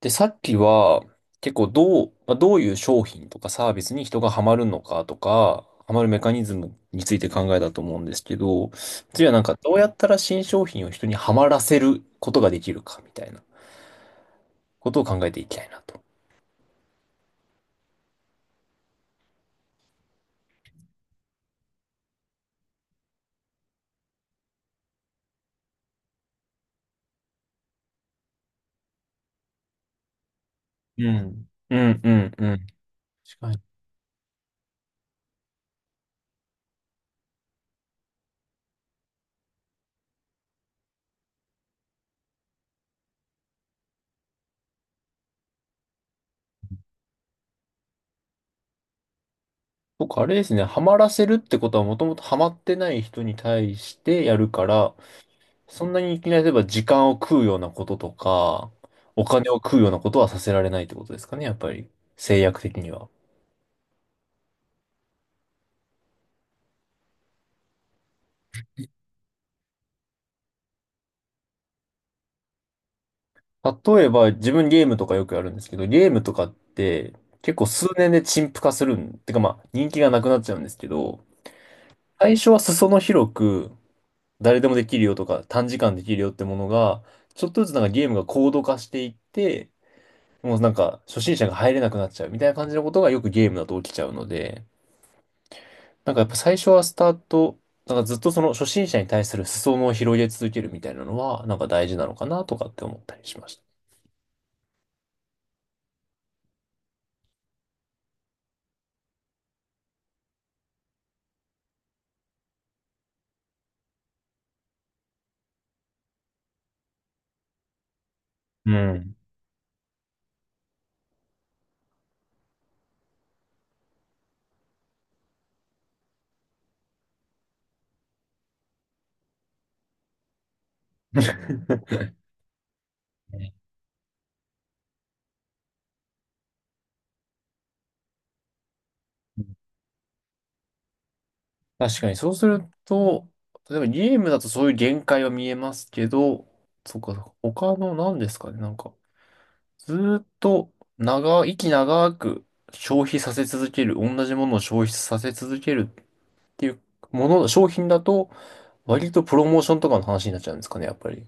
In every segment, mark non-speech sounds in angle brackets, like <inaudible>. で、さっきは、結構どう、どういう商品とかサービスに人がハマるのかとか、ハマるメカニズムについて考えたと思うんですけど、次はどうやったら新商品を人にハマらせることができるかみたいなことを考えていきたいなと。うん。うんうんうん。確かに。僕あれですね、ハマらせるってことはもともとハマってない人に対してやるから、そんなにいきなり例えば時間を食うようなこととか、お金を食うようなことはさせられないってことですかね、やっぱり。制約的には。例えば、自分ゲームとかよくやるんですけど、ゲームとかって結構数年で陳腐化するん、てかまあ人気がなくなっちゃうんですけど、最初は裾野広く誰でもできるよとか短時間できるよってものが、ちょっとずつゲームが高度化していって、もう初心者が入れなくなっちゃうみたいな感じのことがよくゲームだと起きちゃうので、なんかやっぱ最初はスタート、なんかずっとその初心者に対する裾野を広げ続けるみたいなのは、大事なのかなとかって思ったりしました。うん。確かにそうすると、例えばゲームだとそういう限界は見えますけど、そっか他の何ですかね、ずーっと長、息長く消費させ続ける、同じものを消費させ続けるっていうもの、商品だと、割とプロモーションとかの話になっちゃうんですかね、やっぱり。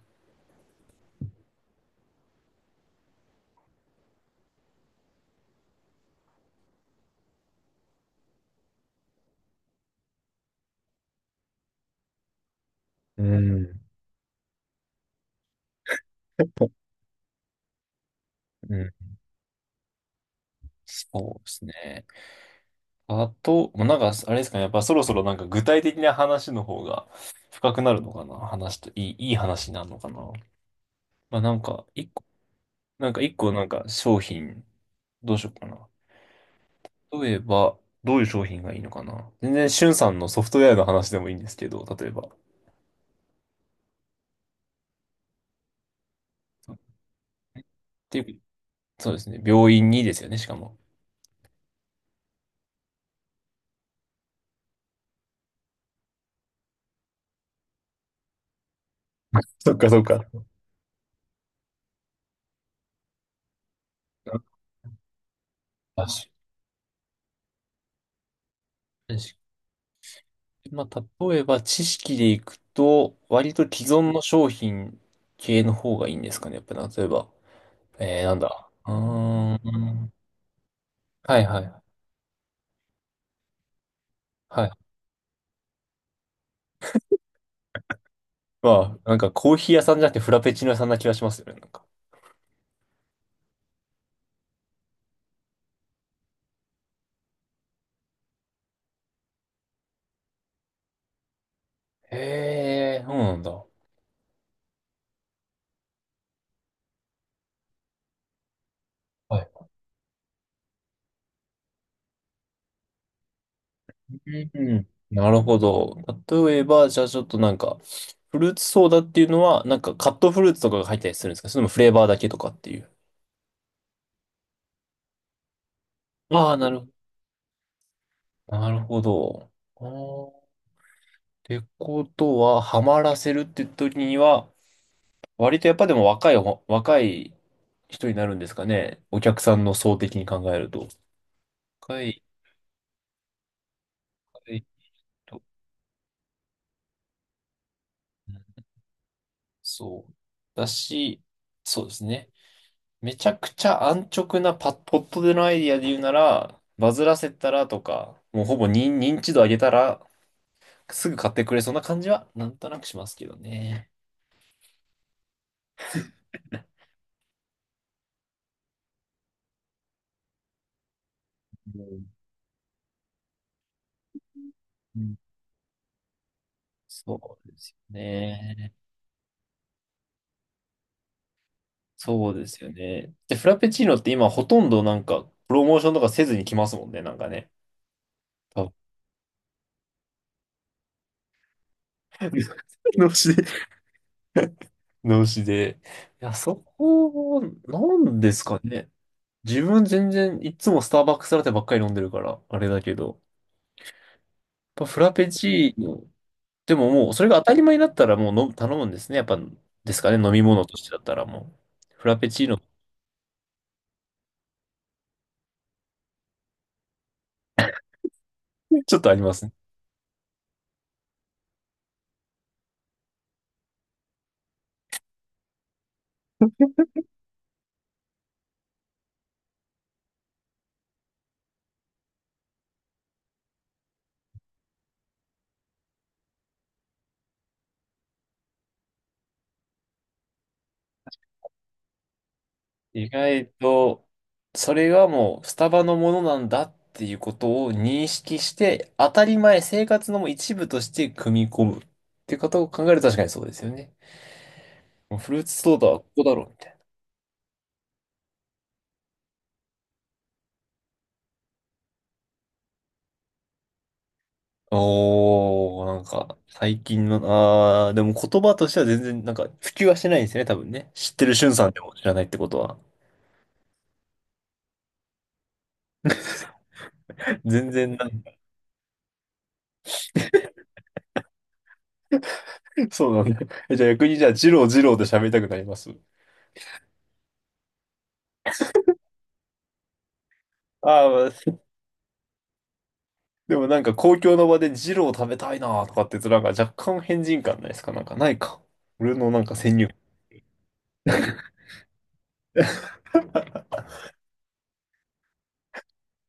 うん。<laughs> うんそうですね。あと、もうなんか、あれですかね。やっぱそろそろ具体的な話の方が深くなるのかな。話と、いい、いい話になるのかな。まあなんか、一個、なんか一個なんか商品、どうしようかな。例えば、どういう商品がいいのかな。全然、しゅんさんのソフトウェアの話でもいいんですけど、例えば。っていう、そうですね。病院にですよね、しかも。そっかそっか。確かに。まあ、例えば知識でいくと、割と既存の商品系の方がいいんですかね。やっぱ例えば、えー、なんだ。うーん。はいはい。はい。まあ、なんかコーヒー屋さんじゃなくてフラペチーノ屋さんな気がしますよね。なんか。へえ、そうなんだ。はい。うん。なるほど。例えば、じゃあちょっとなんか、フルーツソーダっていうのは、なんかカットフルーツとかが入ったりするんですかそれともフレーバーだけとかっていう。ああ、なるほど。なるほど。あてことは、ハマらせるって時には、割とやっぱでも若いほ、若い人になるんですかね。お客さんの層的に考えると。若い、若いと、うんそう。だし、そうですね。めちゃくちゃ安直なパ、ポットでのアイディアで言うなら、バズらせたらとか、もうほぼ認、認知度上げたら、すぐ買ってくれそうな感じは、なんとなくしますけどね。うんうんそうですよね。そうですよね。で、フラペチーノって今ほとんどなんか、プロモーションとかせずに来ますもんね、なんかね。あ <laughs> 脳死で。脳死で。いや、そこは、なんですかね。自分全然いつもスターバックスラテばっかり飲んでるから、あれだけど。やっぱフラペチーノ、でももうそれが当たり前になったらもう頼むんですね。やっぱ、ですかね、飲み物としてだったらもう。フラペチーノ、ちょっとありますね。意外と、それがもうスタバのものなんだっていうことを認識して、当たり前、生活のもう一部として組み込むっていうことを考えると確かにそうですよね。もうフルーツソーダはここだろ、うみたいな。おー、なんか、最近の、あー、でも言葉としては全然、なんか、普及はしてないんですよね、多分ね。知ってるしゅんさんでも知らないってことは。全然なんか、そうなんだ。えじゃあ逆に、じゃあ、ジロージローで喋りたくなります。ああ、でもなんか公共の場でジロー食べたいなとかって言うとなんか若干変人感ないですかなんかないか。俺のなんか先入観。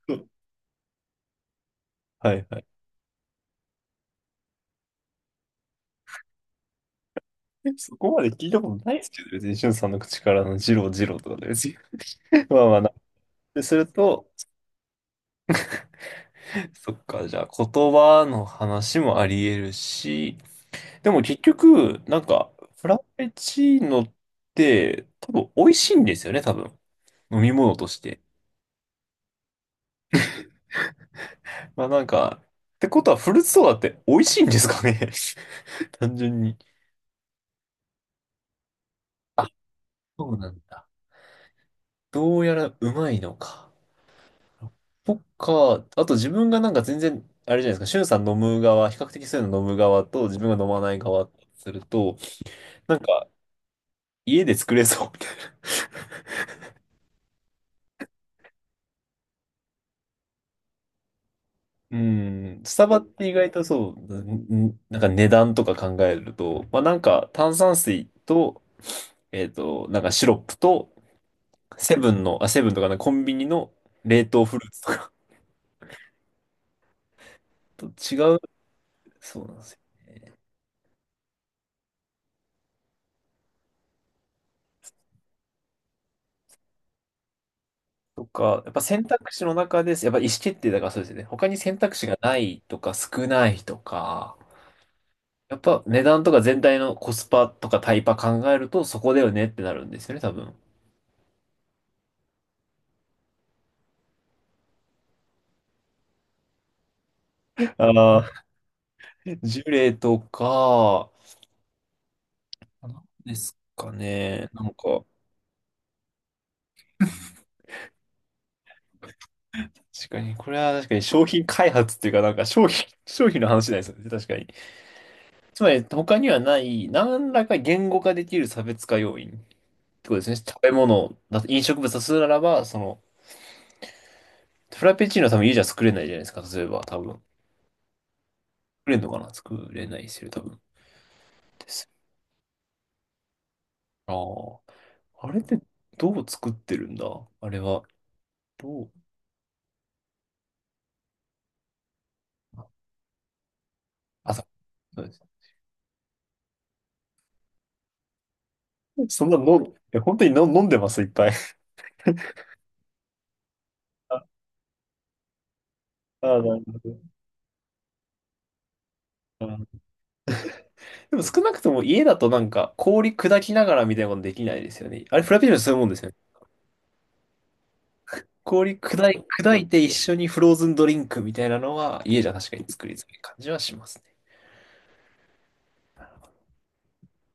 <laughs> はいはい。えそこまで聞いたことないですけど、別にしゅんさんの口からのジロージローとかで別に。<laughs> まあまあな。ですると、そっか、じゃあ言葉の話もあり得るし、でも結局、なんか、フラペチーノって多分美味しいんですよね、多分。飲み物として。まあなんか、ってことはフルーツソーダって美味しいんですかね <laughs> <laughs> 単純に。あそうなんだ。どうやらうまいのか。そか。あと自分がなんか全然、あれじゃないですか、シュンさん飲む側、比較的そういうの飲む側と自分が飲まない側とすると、なんか家で作れそうみたいな。<laughs> うん、スタバって意外とそう、なんか値段とか考えると、まあなんか炭酸水と、えっと、なんかシロップと、セブンとかね、コンビニの冷凍フルーツとか <laughs> と違う。そうなんですよね。とか、やっぱ選択肢の中です。やっぱ意思決定だからそうですよね。他に選択肢がないとか少ないとか、やっぱ値段とか全体のコスパとかタイパ考えるとそこだよねってなるんですよね、多分。ああ、<laughs> ジュレとか、なんですかね。なんか、確かに、これは確かに商品開発っていうか、なんか商品、<laughs> 商品の話じゃないですよね、確かに。つまり他にはない何らか言語化できる差別化要因ってことですね。食べ物だと飲食物だとするならば、その、フラペチーノは多分家じゃ作れないじゃないですか、例えば多分。作れないですよ、多分。ですああ。あれってどう作ってるんだあれは。どうあ、そうです。そんなの、え、本当にの飲んでます、いっぱい。ああー、なるほど。あーでも少なくとも家だとなんか氷砕きながらみたいなことできないですよね。あれフラペチーノってそういうもんですよね。氷砕い、砕いて一緒にフローズンドリンクみたいなのは家じゃ確かに作りづらい感じはしますね。